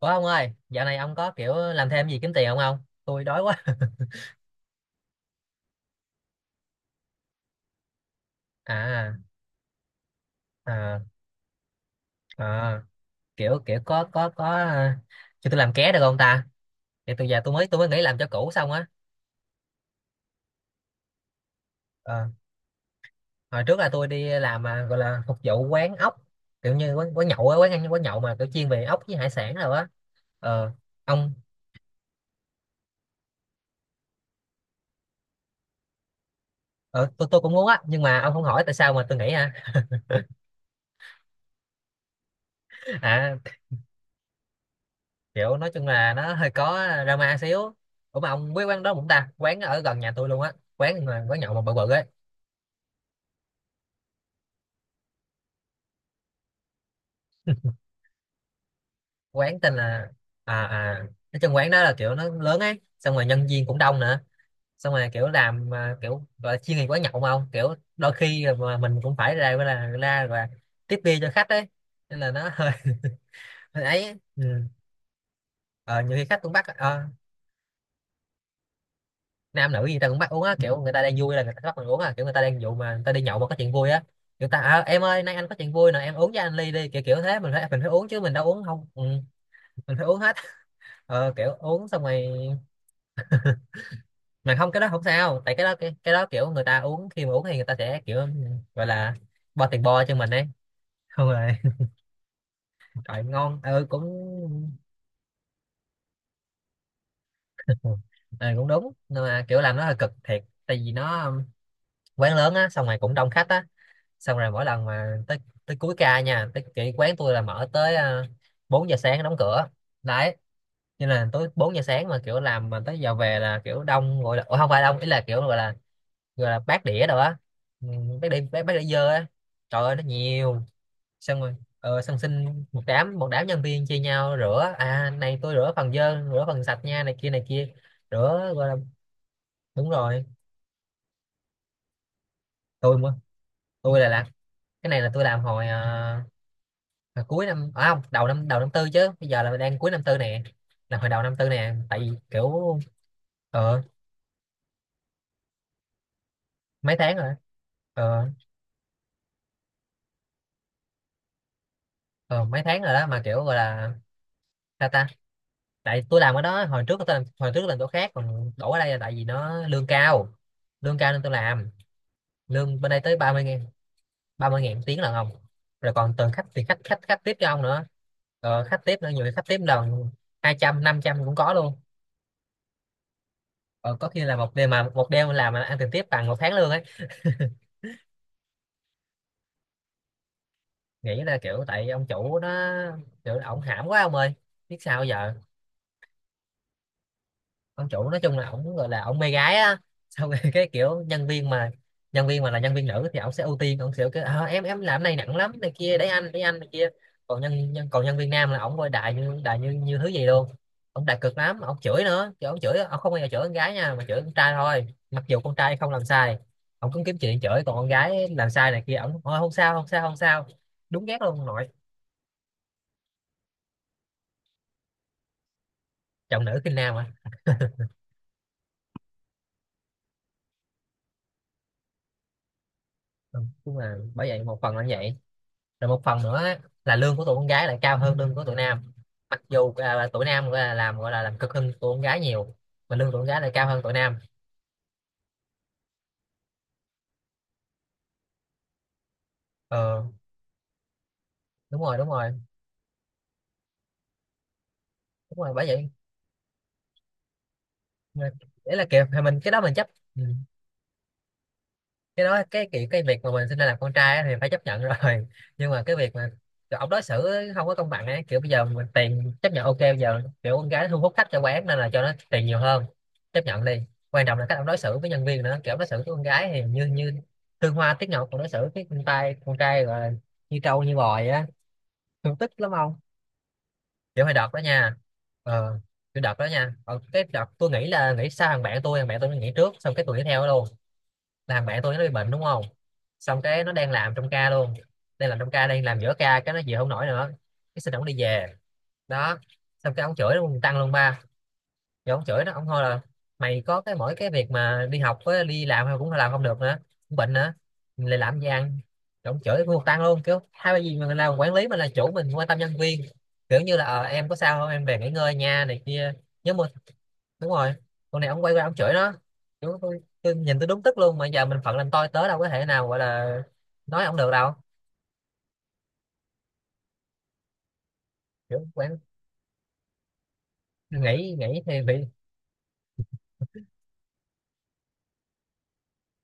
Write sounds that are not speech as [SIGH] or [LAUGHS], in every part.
Ủa ông ơi, dạo này ông có kiểu làm thêm gì kiếm tiền không ông? Tôi đói quá. [LAUGHS] À, à, à, kiểu kiểu có à, cho tôi làm ké được không ta? Thì tôi giờ tôi mới nghỉ làm cho cũ xong á. Ờ, hồi trước là tôi đi làm à, gọi là phục vụ quán ốc, kiểu như quán quán nhậu á, quán ăn quán nhậu mà kiểu chuyên về ốc với hải sản rồi á. Ờ, ông ờ, tôi cũng muốn á, nhưng mà ông không hỏi tại sao mà tôi nghỉ hả? [LAUGHS] À, kiểu nói chung là nó hơi có drama xíu. Ủa mà ông biết quán đó cũng ta, quán ở gần nhà tôi luôn á, quán mà quán nhậu mà bự bự ấy. Quán tên là à à, nói chung quán đó là kiểu nó lớn ấy, xong rồi nhân viên cũng đông nữa, xong rồi kiểu làm à, kiểu gọi là chuyên nghiệp quán nhậu mà ông, kiểu đôi khi mà mình cũng phải ra, gọi là ra và tiếp bia cho khách ấy, nên là nó hơi [LAUGHS] hơi ấy ừ. Ờ, nhiều khi khách cũng bắt ờ, nam nữ gì ta cũng bắt uống á, kiểu người ta đang vui là người ta bắt mình uống à, kiểu người ta đang dụ mà người ta đi nhậu mà có chuyện vui á, người ta à, em ơi nay anh có chuyện vui nè em uống cho anh ly đi, kiểu kiểu thế mình phải uống chứ mình đâu uống không ừ, mình phải uống hết. Ờ, kiểu uống xong rồi mà không, cái đó không sao, tại cái đó cái đó kiểu người ta uống, khi mà uống thì người ta sẽ kiểu gọi là bo tiền, bo cho mình ấy, không rồi [LAUGHS] trời ngon ừ cũng. [LAUGHS] Ừ, cũng đúng, nhưng mà kiểu làm nó hơi cực thiệt, tại vì nó quán lớn á, xong rồi cũng đông khách á, xong rồi mỗi lần mà tới, tới cuối ca nha, tới cái quán tôi là mở tới à, 4 giờ sáng đóng cửa đấy, cho nên là tới 4 giờ sáng mà kiểu làm mà tới giờ về là kiểu đông, gọi là ủa, không phải đông, ý là kiểu gọi là, gọi là bát đĩa rồi á. Ừ, bát đĩa dơ á, trời ơi nó nhiều, xong rồi ờ, xong xin, một đám, một đám nhân viên chia nhau rửa à, này tôi rửa phần dơ, rửa phần sạch nha, này kia này kia, rửa gọi là đúng rồi. Tôi mà tôi là làm cái này, là tôi làm hồi à, là cuối năm à, không, đầu năm, đầu năm tư, chứ bây giờ là đang cuối năm tư nè, là hồi đầu năm tư nè, tại vì kiểu ờ mấy tháng rồi. Ờ, ờ mấy tháng rồi đó mà kiểu gọi là ta ta, tại tôi làm ở đó hồi trước, tôi làm hồi trước làm chỗ khác, còn đổ ở đây là tại vì nó lương cao, lương cao nên tôi làm. Lương bên đây tới 30.000, 30.000 tiếng lần không, rồi còn từng khách thì khách khách khách tiếp cho ông nữa. Ờ, khách tiếp nữa, nhiều khi khách tiếp lần 200, 500 cũng có luôn. Ờ, có khi là một đêm, mà một đêm làm mà ăn tiền tiếp bằng một tháng lương ấy. Nghĩ là kiểu tại ông chủ nó, kiểu là ổng hãm quá ông ơi, biết sao giờ. Ông chủ nói chung là ổng, gọi là ổng mê gái á [LAUGHS] xong rồi cái kiểu nhân viên mà, nhân viên mà là nhân viên nữ thì ổng sẽ ưu tiên, ổng sẽ kiểu "Ờ, em làm này nặng lắm này kia, để anh, để anh này kia", còn nhân, nhân còn nhân viên nam là ổng coi đại như, đại như, như thứ gì luôn. Ổng đại cực lắm, ổng chửi nữa chứ, ổng chửi, ổng không bao giờ chửi con gái nha, mà chửi con trai thôi, mặc dù con trai không làm sai ổng cũng kiếm chuyện chửi, còn con gái làm sai này kia ổng "Thôi, không sao không sao không sao". Đúng ghét luôn ông nội, chồng nữ khinh nam à. Đúng, đúng là bởi vậy, một phần là như vậy, rồi một phần nữa á, là lương của tụi con gái lại cao hơn lương của tụi nam, mặc dù à, là tụi nam gọi là làm, gọi là làm cực hơn tụi con gái nhiều, mà lương tụi con gái lại cao hơn tụi nam. Ờ đúng rồi, đúng rồi, đúng rồi bởi vậy. Đấy là kiểu mình, cái đó mình chấp ừ. Cái đó, cái kiểu cái việc mà mình sinh ra làm con trai á thì phải chấp nhận rồi, [LAUGHS] nhưng mà cái việc mà kiểu ông đối xử không có công bằng ấy, kiểu bây giờ mình tiền chấp nhận ok, bây giờ kiểu con gái thu hút khách cho quán nên là cho nó tiền nhiều hơn, chấp nhận đi. Quan trọng là cách ông đối xử với nhân viên nữa, kiểu ông đối xử với con gái thì như như thương hoa tiếc ngọc, còn đối xử với con trai, con trai gọi là như trâu như bò vậy á, thương tích lắm ông. Kiểu hồi đợt đó nha, ờ cái đợt đó nha. Ờ, cái đợt tôi nghĩ là nghĩ sao, thằng bạn tôi nó nghỉ trước, xong cái tôi nghỉ theo nó luôn, làm bạn tôi nó bị bệnh đúng không, xong cái nó đang làm trong ca luôn, đang làm trong ca, đang làm giữa ca cái nó chịu không nổi nữa, cái xin ổng đi về đó, xong cái ổng chửi luôn tăng luôn ba, rồi ổng chửi nó, ổng thôi là mày có cái mỗi cái việc mà đi học với đi làm mà cũng làm không được nữa, cũng bệnh nữa, mình lại làm gì ăn. Rồi ổng chửi cùng tăng luôn, kiểu hai cái gì mình làm quản lý, mình là chủ mình quan tâm nhân viên, kiểu như là ờ, em có sao không, em về nghỉ ngơi nha này kia, nhớ mua, đúng rồi, con này ông quay qua ông chửi nó. Kiểu tôi nhìn tôi đúng tức luôn, mà giờ mình phận làm tôi tớ đâu có thể nào gọi là nói ông được đâu, kiểu quán, nghĩ nghĩ thì bị,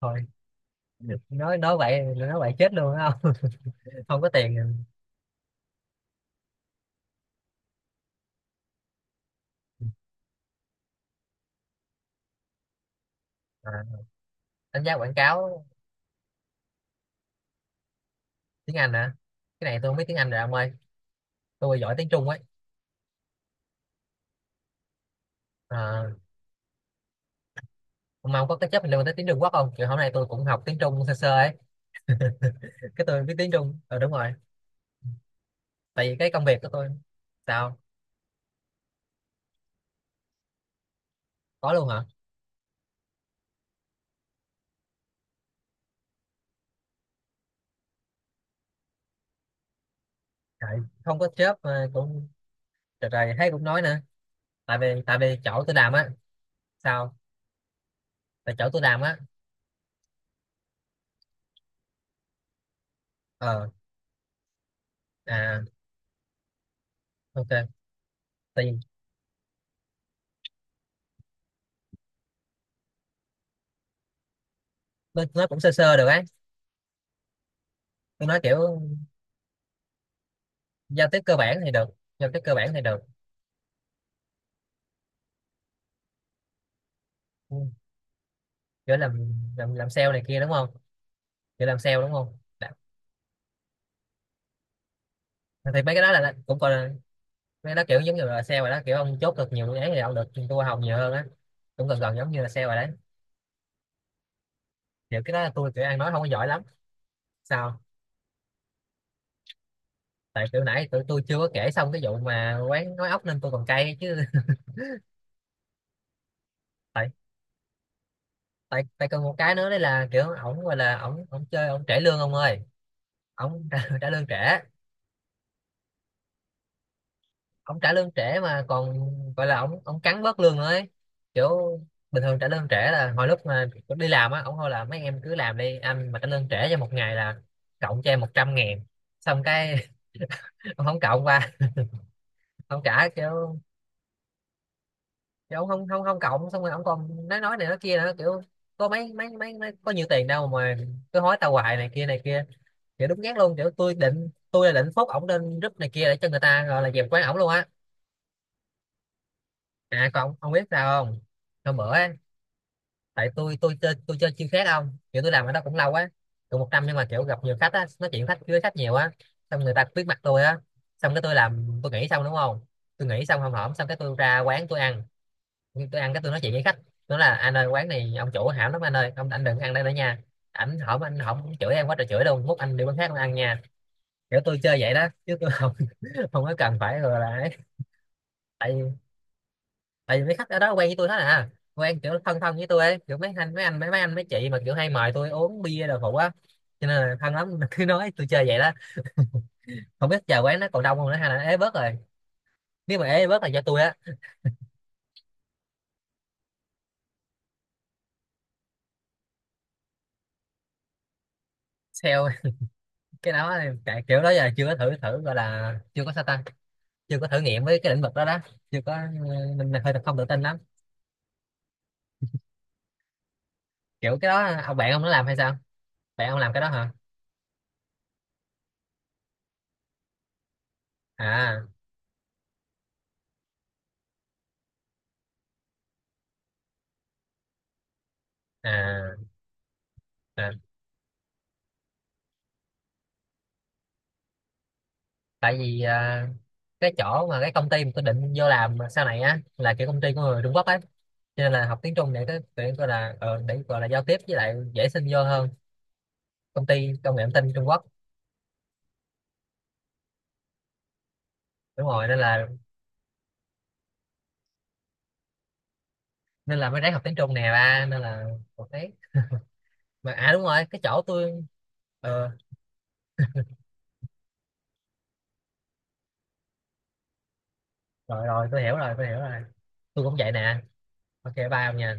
thôi nói, nói vậy chết luôn á không. [LAUGHS] Không có tiền. À, đánh giá quảng cáo tiếng Anh hả, cái này tôi không biết tiếng Anh rồi ông ơi, tôi giỏi tiếng Trung ấy. À, ông mong có cái chấp liên tới tiếng Trung Quốc không, kiểu hôm nay tôi cũng học tiếng Trung sơ sơ ấy. [LAUGHS] Cái tôi biết tiếng Trung ờ đúng rồi, tại vì cái công việc của tôi. Sao có luôn hả? Trời, không có chớp ờ, cũng trời trời thấy cũng nói nữa. Tại vì, tại vì chỗ tôi làm á. Sao, tại chỗ tôi làm á. Ờ à ok. Tại vì tôi nói cũng sơ sơ được ấy, tôi nói kiểu giao tiếp cơ bản thì được, giao tiếp cơ bản thì được. Ừ, kiểu làm, làm sale này kia đúng không, kiểu làm sale đúng không, đã- Thì mấy cái đó là cũng còn là- mấy cái đó kiểu giống như là sale rồi đó, kiểu ông chốt được nhiều dự án thì ông được trung thu hoa hồng nhiều hơn á, cũng gần gần giống như là sale rồi đấy. Kiểu cái đó là tôi kiểu ăn nói không có giỏi lắm. Sao, tại kiểu nãy tụi tôi chưa có kể xong cái vụ mà quán nói ốc nên tôi còn cay chứ. [LAUGHS] tại tại tại còn một cái nữa đây là kiểu ổng, gọi là ổng ổng chơi ổng trễ lương ông ơi, ổng trả, [LAUGHS] trả lương trễ. Ổng trả lương trễ mà còn gọi là ổng ổng cắn bớt lương nữa ấy, kiểu bình thường trả lương trễ là hồi lúc mà đi làm á, ổng thôi là mấy em cứ làm đi, anh mà trả lương trễ cho một ngày là cộng cho em 100.000, xong cái [LAUGHS] ông không cộng qua, ông trả kiểu, kiểu ông không không không cộng, xong rồi ông còn nói này nói kia nữa, kiểu có mấy có nhiều tiền đâu mà cứ hối tao hoài này kia này kia. Kiểu đúng ghét luôn, kiểu tôi định, tôi định phốt ổng lên group này kia để cho người ta gọi là dẹp quán ổng luôn á. À còn ông biết sao không, hôm bữa á tại tôi chơi chưa khác không, kiểu tôi làm ở đó cũng lâu á, cũng một năm, nhưng mà kiểu gặp nhiều khách á, nói chuyện khách với khách nhiều á, xong người ta biết mặt tôi á, xong cái tôi làm tôi nghĩ xong đúng không, tôi nghĩ xong hòm hổm xong cái tôi ra quán tôi ăn. Nhưng tôi ăn cái tôi nói chuyện với khách, nó là anh ơi quán này ông chủ hảo lắm anh ơi, ông anh đừng ăn đây nữa nha, ảnh hổm anh hổm chửi em quá trời chửi luôn, mốt anh đi quán khác ông ăn nha. Kiểu tôi chơi vậy đó chứ tôi không, [LAUGHS] không có cần phải rồi là ấy. Tại vì- tại vì mấy khách ở đó quen với tôi hết à, quen kiểu thân thân với tôi ấy, kiểu mấy anh mấy chị mà kiểu hay mời tôi uống bia đồ phụ á, cho nên là thân lắm, [LAUGHS] cứ nói tôi chơi vậy đó. Không biết giờ quán nó còn đông không nữa hay là ế bớt rồi, nếu mà ế bớt là do tôi á. Sale [LAUGHS] cái đó thì tại kiểu đó giờ chưa có thử, thử gọi là chưa có sao ta, chưa có thử nghiệm với cái lĩnh vực đó đó, chưa có, mình hơi không tự tin lắm. Kiểu cái đó ông bạn ông nó làm hay sao, bạn ông làm cái đó hả? À à à, tại vì à, cái chỗ mà cái công ty mà tôi định vô làm sau này á là kiểu công ty của người Trung Quốc ấy, cho nên là học tiếng Trung để cái để gọi là ờ, để gọi là giao tiếp với lại dễ xin vô hơn, công ty công nghệ thông tin Trung Quốc. Đúng rồi nên là, nên là mới ráng học tiếng Trung nè ba, nên là một thấy, mà à đúng rồi cái chỗ tôi. Ờ rồi rồi, tôi hiểu rồi tôi cũng vậy nè. Ok ba ông nha.